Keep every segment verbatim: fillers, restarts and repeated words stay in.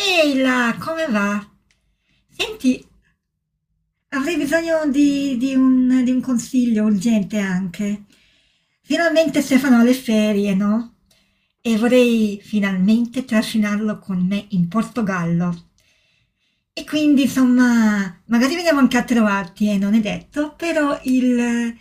Ehi là, come va? Senti, avrei bisogno di, di un, di un consiglio urgente anche. Finalmente Stefano ha le ferie, no? E vorrei finalmente trascinarlo con me in Portogallo. E quindi, insomma, magari veniamo anche a trovarti, eh, non è detto, però il...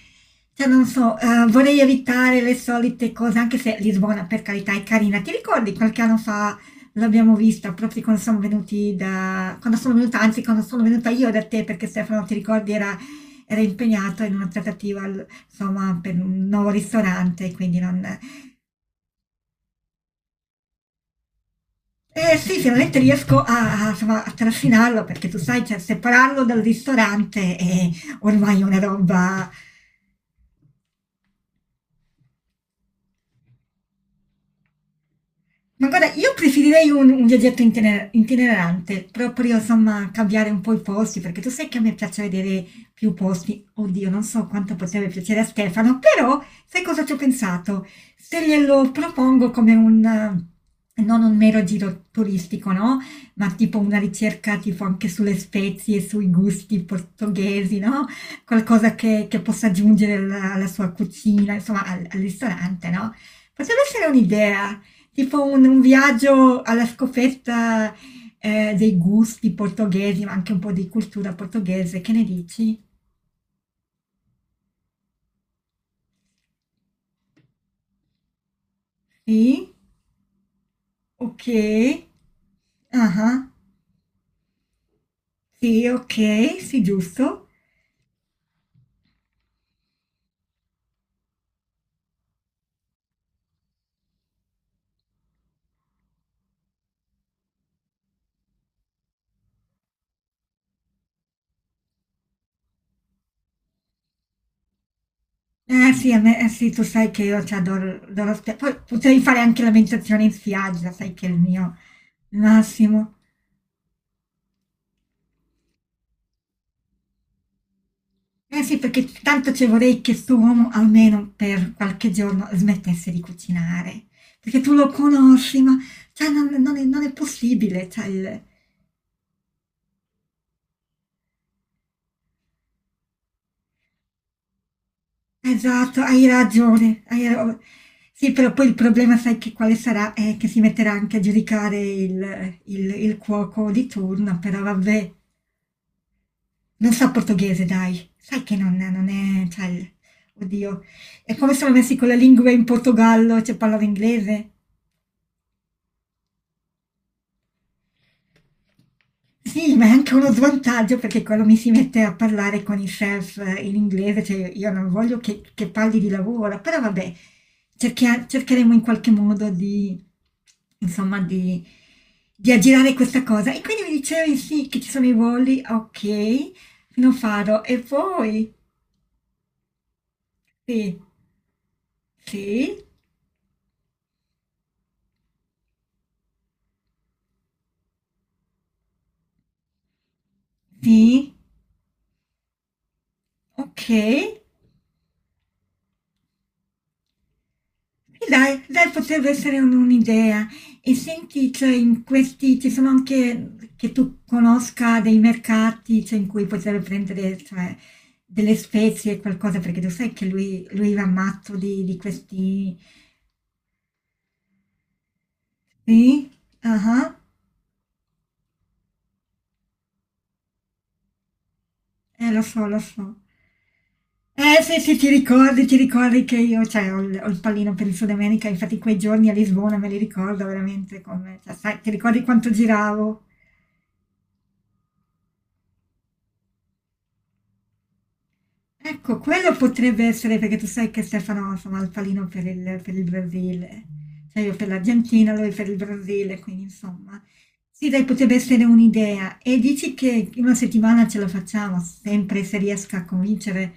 Cioè, non so, eh, vorrei evitare le solite cose, anche se Lisbona, per carità, è carina. Ti ricordi qualche anno fa l'abbiamo vista proprio quando siamo venuti da... quando sono venuta, anzi quando sono venuta io da te, perché Stefano, ti ricordi, era, era impegnato in una trattativa, al- insomma, per un nuovo ristorante, quindi non... Eh sì, finalmente riesco a, a- insomma, a trascinarlo, perché tu sai, cioè, separarlo dal ristorante è ormai una roba... Ma guarda, io preferirei un, un viaggetto itine- itinerante, proprio insomma cambiare un po' i posti, perché tu sai che a me piace vedere più posti. Oddio, non so quanto potrebbe piacere a Stefano, però sai cosa ci ho pensato? Se glielo propongo come un, eh, non un mero giro turistico, no? Ma tipo una ricerca tipo anche sulle spezie, sui gusti portoghesi, no? Qualcosa che, che possa aggiungere alla, alla sua cucina, insomma al al ristorante, no? Potrebbe essere un'idea. Tipo un, un viaggio alla scoperta eh, dei gusti portoghesi, ma anche un po' di cultura portoghese, che ne dici? Sì? Ok. Ah, sì, ok, sì, giusto. Eh sì, a me, eh, sì, tu sai che io ti adoro, adoro spia- poi potrei fare anche la meditazione in spiaggia, sai che è il mio massimo. Eh sì, perché tanto ci vorrei che sto uomo almeno per qualche giorno smettesse di cucinare, perché tu lo conosci, ma cioè, non, non è, non è possibile. Cioè, il- Esatto, hai ragione. hai ra- Sì, però poi il problema, sai che quale sarà? È che si metterà anche a giudicare il, il- il cuoco di turno, però vabbè, non sa portoghese, dai. Sai che non, non è... Cioè, il- oddio, è come sono messi con la lingua in Portogallo, cioè parlano inglese. Sì, ma è anche uno svantaggio perché quando mi si mette a parlare con i chef eh, in inglese, cioè io non voglio che, che parli di lavoro, però vabbè, cerchia- cercheremo in qualche modo di, insomma, di, di aggirare questa cosa. E quindi mi dicevi sì, che ci sono i voli, ok, lo farò. E poi, sì, sì, sì, ok. E dai, dai, potrebbe essere un- un'idea. E senti, cioè, in questi ci sono anche che tu conosca dei mercati, cioè, in cui potrebbe prendere, cioè, delle spezie e qualcosa, perché tu sai che lui, lui va matto di, di questi... Sì? Ah, eh, lo so, lo so. Eh sì, sì, ti ricordi, ti ricordi che io cioè, ho, il, ho il pallino per il Sud America, infatti quei giorni a Lisbona me li ricordo veramente come, cioè, sai, ti ricordi quanto giravo? Ecco, quello potrebbe essere perché tu sai che Stefano insomma, ha il palino per il, per il Brasile, cioè io per l'Argentina, lui per il Brasile, quindi insomma. Sì, dai, potrebbe essere un'idea. E dici che in una settimana ce la facciamo, sempre se riesco a convincere,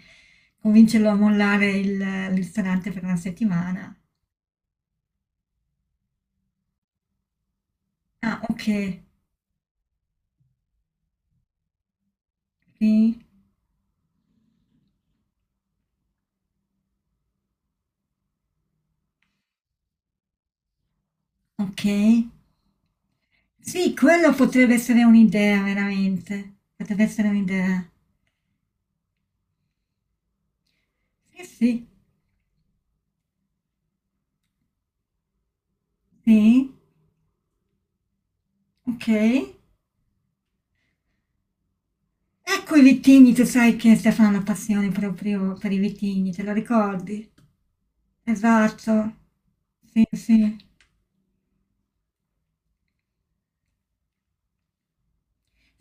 convincerlo a mollare il, il ristorante per una settimana. Ah, ok, sì, ok. Sì, quello potrebbe essere un'idea, veramente. Potrebbe essere un'idea. Sì, sì, sì. Okay. Ecco i vitigni, tu sai che Stefano ha una passione proprio per i vitigni, te lo ricordi? Esatto. Sì, sì.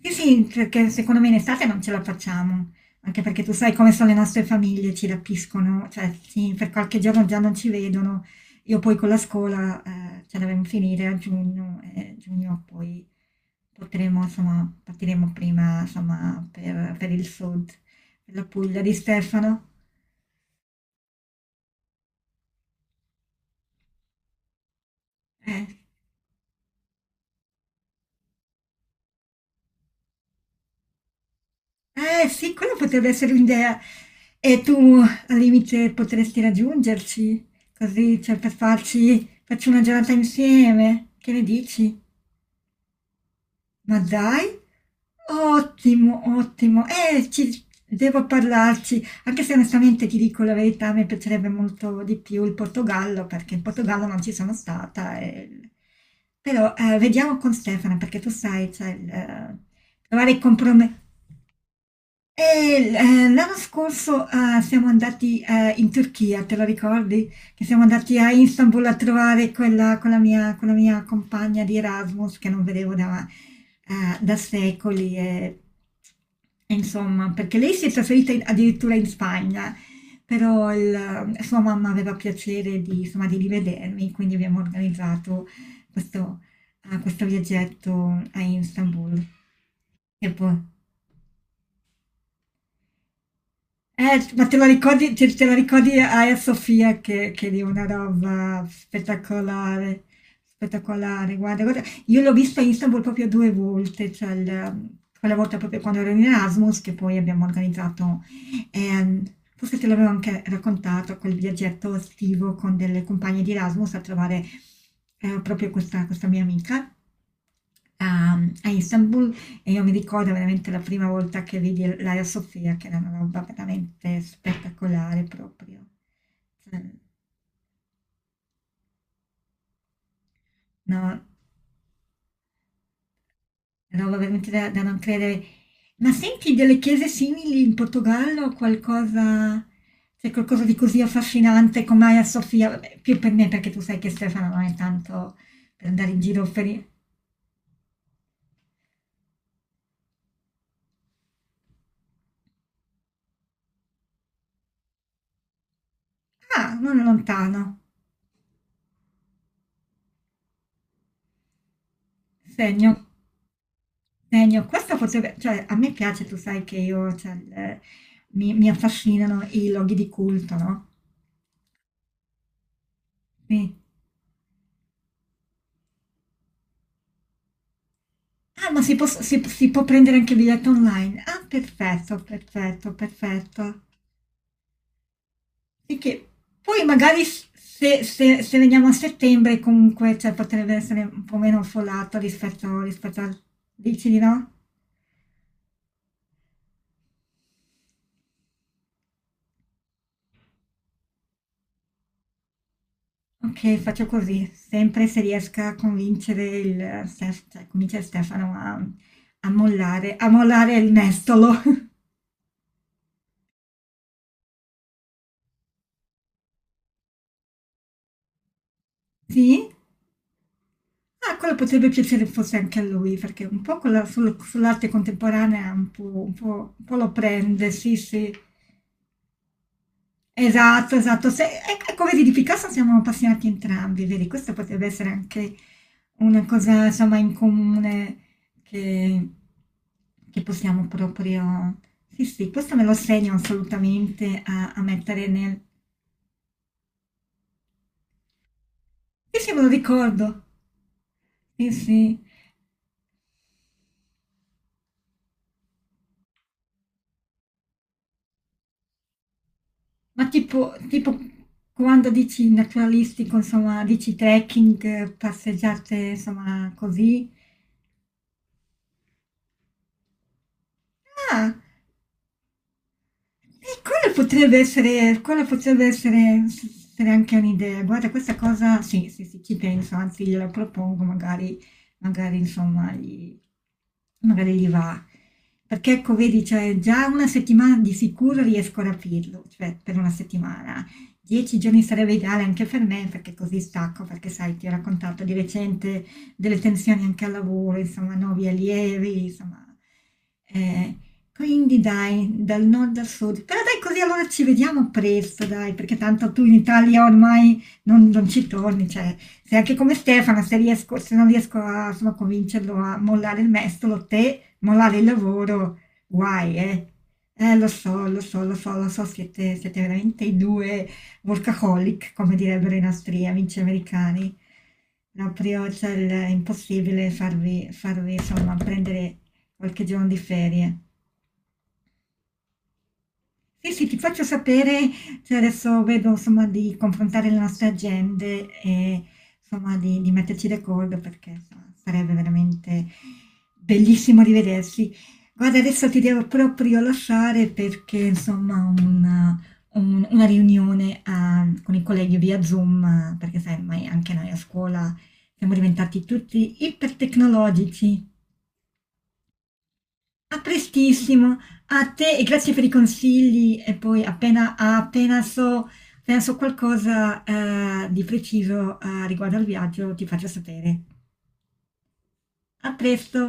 Sì, sì, perché secondo me in estate non ce la facciamo, anche perché tu sai come sono le nostre famiglie, ci rapiscono, cioè sì, per qualche giorno già non ci vedono. Io poi con la scuola, ehm, ce la devo finire a giugno e giugno poi potremo insomma partiremo prima, insomma, per per il sud, per la Puglia di Stefano. Eh. Eh sì, quella potrebbe essere un'idea. E tu al limite potresti raggiungerci, così cioè, per farci facci una giornata insieme. Che ne dici? Ma dai, ottimo, ottimo. Eh, ci, devo parlarci, anche se onestamente ti dico la verità, mi piacerebbe molto di più il Portogallo, perché in Portogallo non ci sono stata. E- Però eh, vediamo con Stefano, perché tu sai, cioè, il, eh, trovare i compromessi. E l- eh, l'anno scorso eh, siamo andati eh, in Turchia, te lo ricordi? Che siamo andati a Istanbul a trovare quella, quella mia, quella mia compagna di Erasmus che non vedevo da, eh, da secoli. E, e insomma, perché lei si è trasferita in- addirittura in Spagna, però il- eh, sua mamma aveva piacere di, insomma, di rivedermi, quindi abbiamo organizzato questo, eh, questo viaggetto a Istanbul. E poi- Eh, ma te la ricordi, te, te la ricordi Aya Sofia che, che è di una roba spettacolare, spettacolare. Guarda, guarda, io l'ho vista a Istanbul proprio due volte, cioè il- quella volta proprio quando ero in Erasmus, che poi abbiamo organizzato, ehm, forse te l'avevo anche raccontato, quel viaggetto estivo con delle compagne di Erasmus a trovare eh, proprio questa, questa mia amica a a Istanbul e io mi ricordo veramente la prima volta che vidi l l'Aia Sofia, che era una roba veramente spettacolare proprio. Cioè, no, roba veramente da da non credere. Ma senti delle chiese simili in Portogallo? Qualcosa C'è qualcosa di così affascinante come Aia Sofia? Vabbè, più per me perché tu sai che Stefano non è tanto per andare in giro per i ah, non è lontano, segno. Genio, questa potrebbe, cioè a me piace, tu sai che io, cioè, il- mi, mi affascinano i loghi di culto, no? Sì. Ah, ma si può, si- si può prendere anche il biglietto online. Ah, perfetto, perfetto, perfetto. E che poi magari s- se, se- se veniamo a settembre comunque cioè, potrebbe essere un po' meno affollato rispetto, rispetto al... Dici di no? Okay, faccio così, sempre se riesca a convincere il Stef cioè convincere Stefano a a mollare a mollare il mestolo. Sì? Ah, quello potrebbe piacere forse anche a lui, perché un po' con la sul sull'arte contemporanea un po' un po' un po' lo prende, sì, sì. Esatto, esatto. Se, ec- Ecco, vedi, di Picasso siamo appassionati entrambi, vedi, questa potrebbe essere anche una cosa, insomma, in comune che, che possiamo proprio... Sì, sì, questo me lo segno assolutamente a, a mettere nel... Sì, sì, me lo ricordo. Sì, sì. Ma tipo, tipo quando dici naturalistico, insomma, dici trekking, passeggiate, insomma, così. Ah, e quella potrebbe essere, quella potrebbe essere, s- essere anche un'idea. Guarda, questa cosa, sì, sì, sì, ci penso, anzi gliela propongo, magari, magari insomma, gli, magari gli va. Perché ecco, vedi, cioè, già una settimana di sicuro riesco a rapirlo, cioè per una settimana. Dieci giorni sarebbe ideale anche per me, perché così stacco, perché sai, ti ho raccontato di recente delle tensioni anche al lavoro, insomma, nuovi allievi, insomma. Eh, quindi dai, dal nord al sud. Però dai, così allora ci vediamo presto, dai, perché tanto tu in Italia ormai non, non ci torni, cioè, sei anche come Stefano, se riesco, se non riesco a, insomma, a convincerlo a mollare il mestolo, te, mollare il lavoro, guai, eh. Eh, lo so, lo so, lo so, lo so, siete, siete veramente i due workaholic, come direbbero i nostri amici americani. Proprio, cioè, il- è impossibile farvi, farvi, insomma, prendere qualche giorno di ferie. Sì, sì, ti faccio sapere, cioè adesso vedo insomma di confrontare le nostre agende e insomma di, di metterci d'accordo perché insomma, sarebbe veramente bellissimo rivedersi. Guarda, adesso ti devo proprio lasciare perché insomma ho una, un- una riunione ah, con i colleghi via Zoom, ah, perché sai, ormai anche noi a scuola siamo diventati tutti ipertecnologici. A prestissimo, a te e grazie per i consigli. E poi appena, appena so, appena so qualcosa eh, di preciso eh, riguardo al viaggio, ti faccio sapere. A presto!